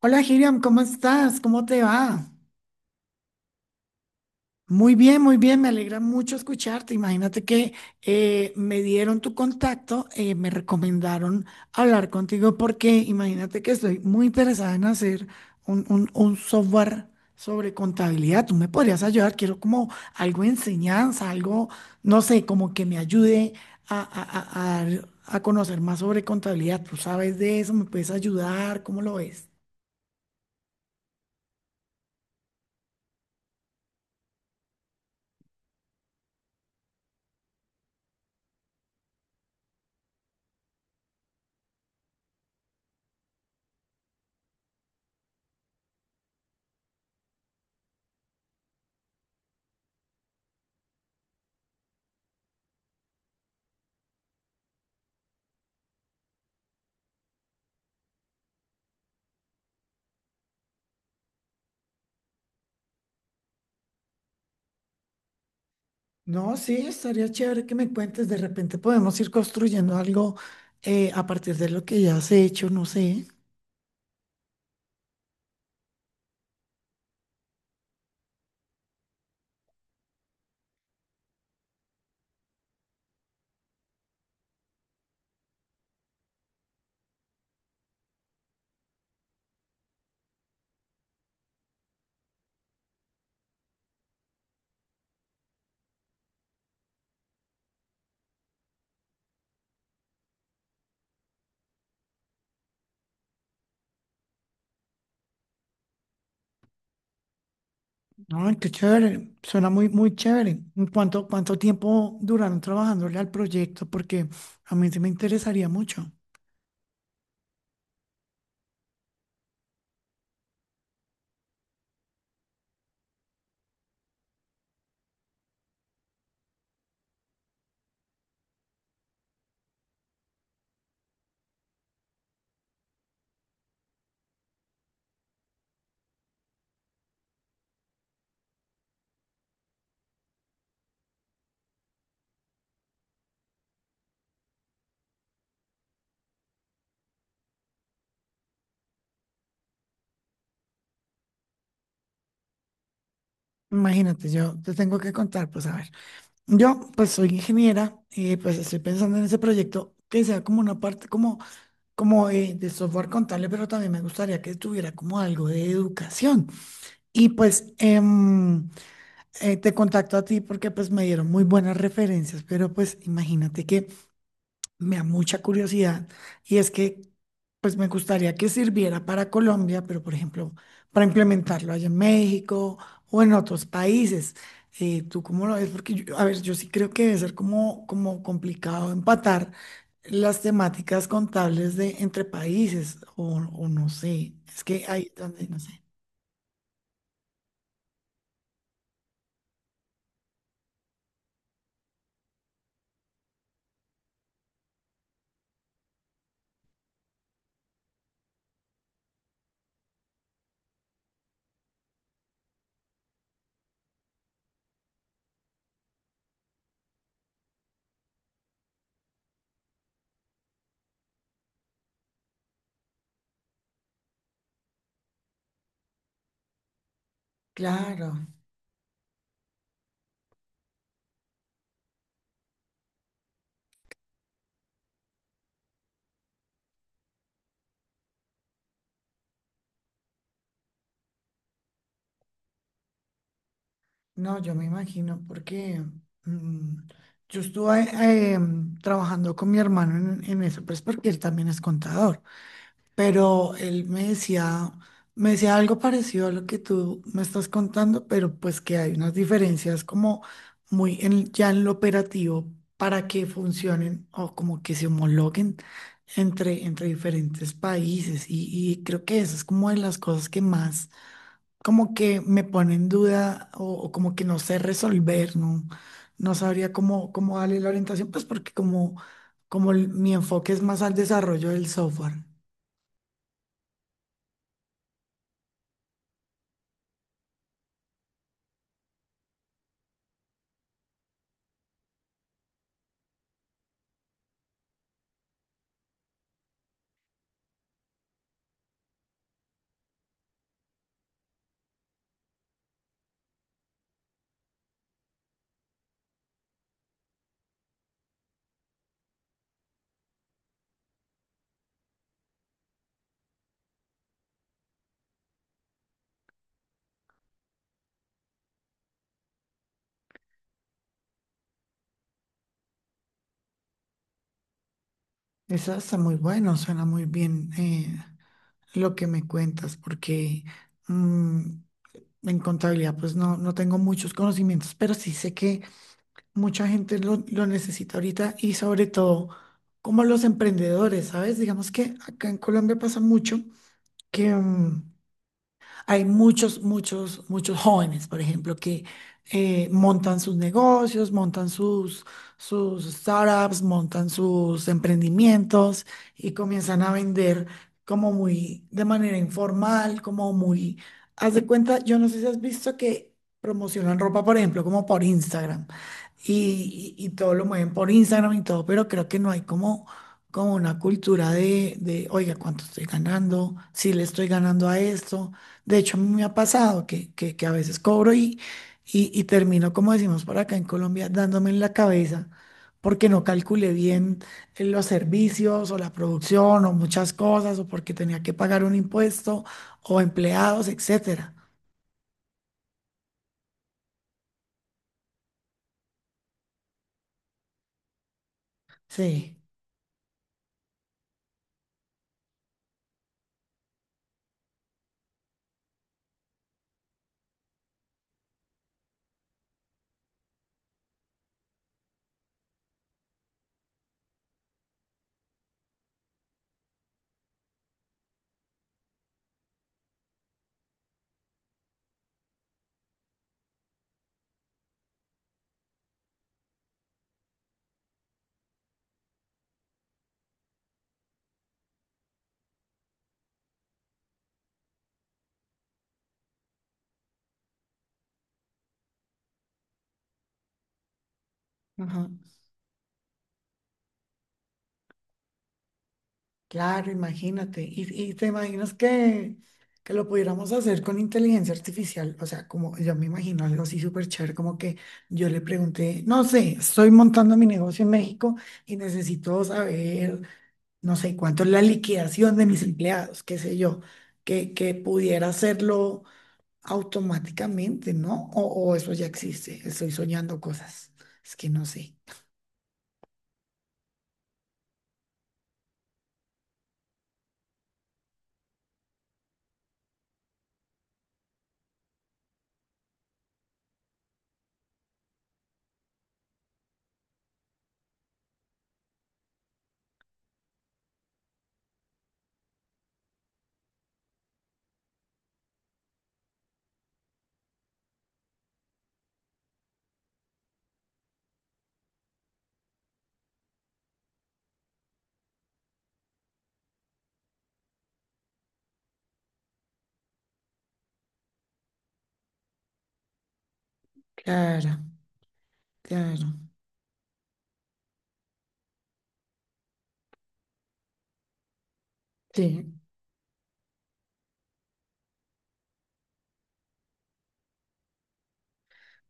Hola, Hiriam, ¿cómo estás? ¿Cómo te va? Muy bien, me alegra mucho escucharte. Imagínate que me dieron tu contacto, me recomendaron hablar contigo porque imagínate que estoy muy interesada en hacer un software sobre contabilidad. Tú me podrías ayudar, quiero como algo de enseñanza, algo, no sé, como que me ayude a dar a conocer más sobre contabilidad. ¿Tú sabes de eso? ¿Me puedes ayudar? ¿Cómo lo ves? No, sí, estaría chévere que me cuentes. De repente podemos ir construyendo algo a partir de lo que ya has hecho, no sé. No, qué chévere. Suena muy, muy chévere. ¿En ¿Cuánto, cuánto tiempo duraron trabajándole al proyecto? Porque a mí sí me interesaría mucho. Imagínate, yo te tengo que contar, pues a ver. Yo, pues soy ingeniera y pues estoy pensando en ese proyecto que sea como una parte como, como de software contable, pero también me gustaría que tuviera como algo de educación. Y te contacto a ti porque pues me dieron muy buenas referencias, pero pues imagínate que me da mucha curiosidad y es que pues me gustaría que sirviera para Colombia, pero, por ejemplo, para implementarlo allá en México o en otros países. ¿Tú cómo lo ves? Porque a ver, yo sí creo que debe ser como, como complicado empatar las temáticas contables de entre países o no sé, es que ahí es donde no sé. Claro. No, yo me imagino porque mm, yo estuve trabajando con mi hermano en eso, pues porque él también es contador, pero él me decía algo parecido a lo que tú me estás contando, pero pues que hay unas diferencias como muy ya en lo operativo para que funcionen o como que se homologuen entre, entre diferentes países y creo que eso es como de las cosas que más como que me pone en duda o como que no sé resolver, no, no sabría cómo, cómo darle la orientación, pues porque como, como mi enfoque es más al desarrollo del software. Eso está muy bueno, suena muy bien, lo que me cuentas, porque mm, en contabilidad pues no, no tengo muchos conocimientos, pero sí sé que mucha gente lo necesita ahorita y sobre todo como los emprendedores, ¿sabes? Digamos que acá en Colombia pasa mucho que... hay muchos, muchos, muchos jóvenes, por ejemplo, que montan sus negocios, montan sus, sus startups, montan sus emprendimientos y comienzan a vender como muy de manera informal, como muy... Haz de cuenta, yo no sé si has visto que promocionan ropa, por ejemplo, como por Instagram y, y todo lo mueven por Instagram y todo, pero creo que no hay como como una cultura de, oiga, ¿cuánto estoy ganando? Si le estoy ganando a esto. De hecho, a mí me ha pasado que a veces cobro y termino, como decimos por acá en Colombia, dándome en la cabeza porque no calculé bien los servicios o la producción o muchas cosas o porque tenía que pagar un impuesto o empleados, etcétera. Sí. Ajá. Claro, imagínate. Y te imaginas que lo pudiéramos hacer con inteligencia artificial. O sea, como yo me imagino algo así súper chévere, como que yo le pregunté, no sé, estoy montando mi negocio en México y necesito saber, no sé, cuánto es la liquidación de mis empleados, qué sé yo, que pudiera hacerlo automáticamente, ¿no? O eso ya existe, estoy soñando cosas. Es que no sé. Claro, claro. Sí,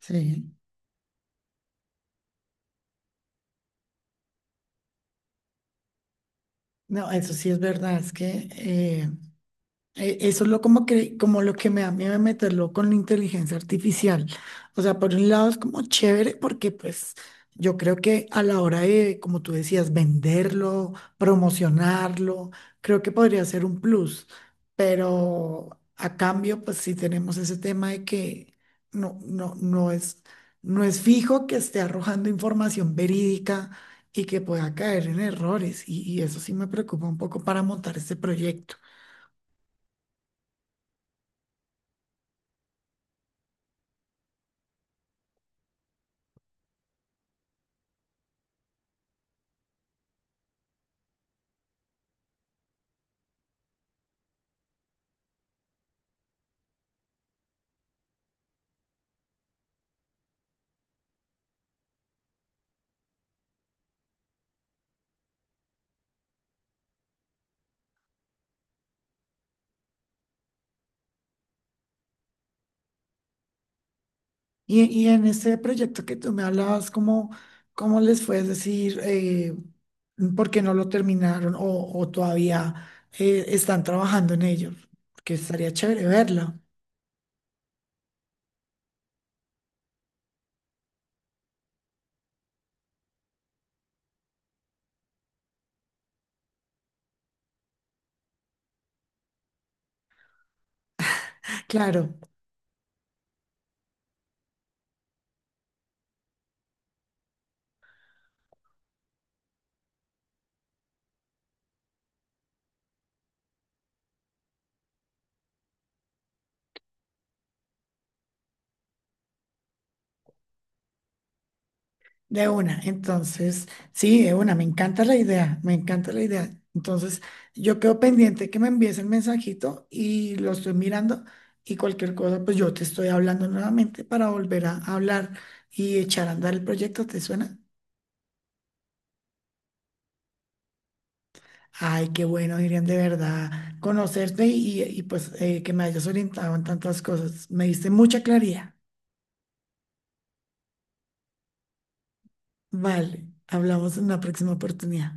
sí. No, eso sí es verdad, es que eso es lo como que, como lo que me da miedo de meterlo con la inteligencia artificial. O sea, por un lado es como chévere porque pues yo creo que a la hora de, como tú decías, venderlo, promocionarlo, creo que podría ser un plus. Pero a cambio, pues sí tenemos ese tema de que no, no, no es, no es fijo que esté arrojando información verídica y que pueda caer en errores. Y eso sí me preocupa un poco para montar este proyecto. Y en ese proyecto que tú me hablabas, ¿cómo, cómo les fue? Decir, ¿por qué no lo terminaron o todavía están trabajando en ello? Porque estaría chévere verlo. Claro, de una. Entonces, sí, de una. Me encanta la idea, me encanta la idea. Entonces, yo quedo pendiente que me envíes el mensajito y lo estoy mirando y cualquier cosa, pues yo te estoy hablando nuevamente para volver a hablar y echar a andar el proyecto. ¿Te suena? Ay, qué bueno, Irian, de verdad, conocerte y, pues que me hayas orientado en tantas cosas. Me diste mucha claridad. Vale, hablamos en la próxima oportunidad.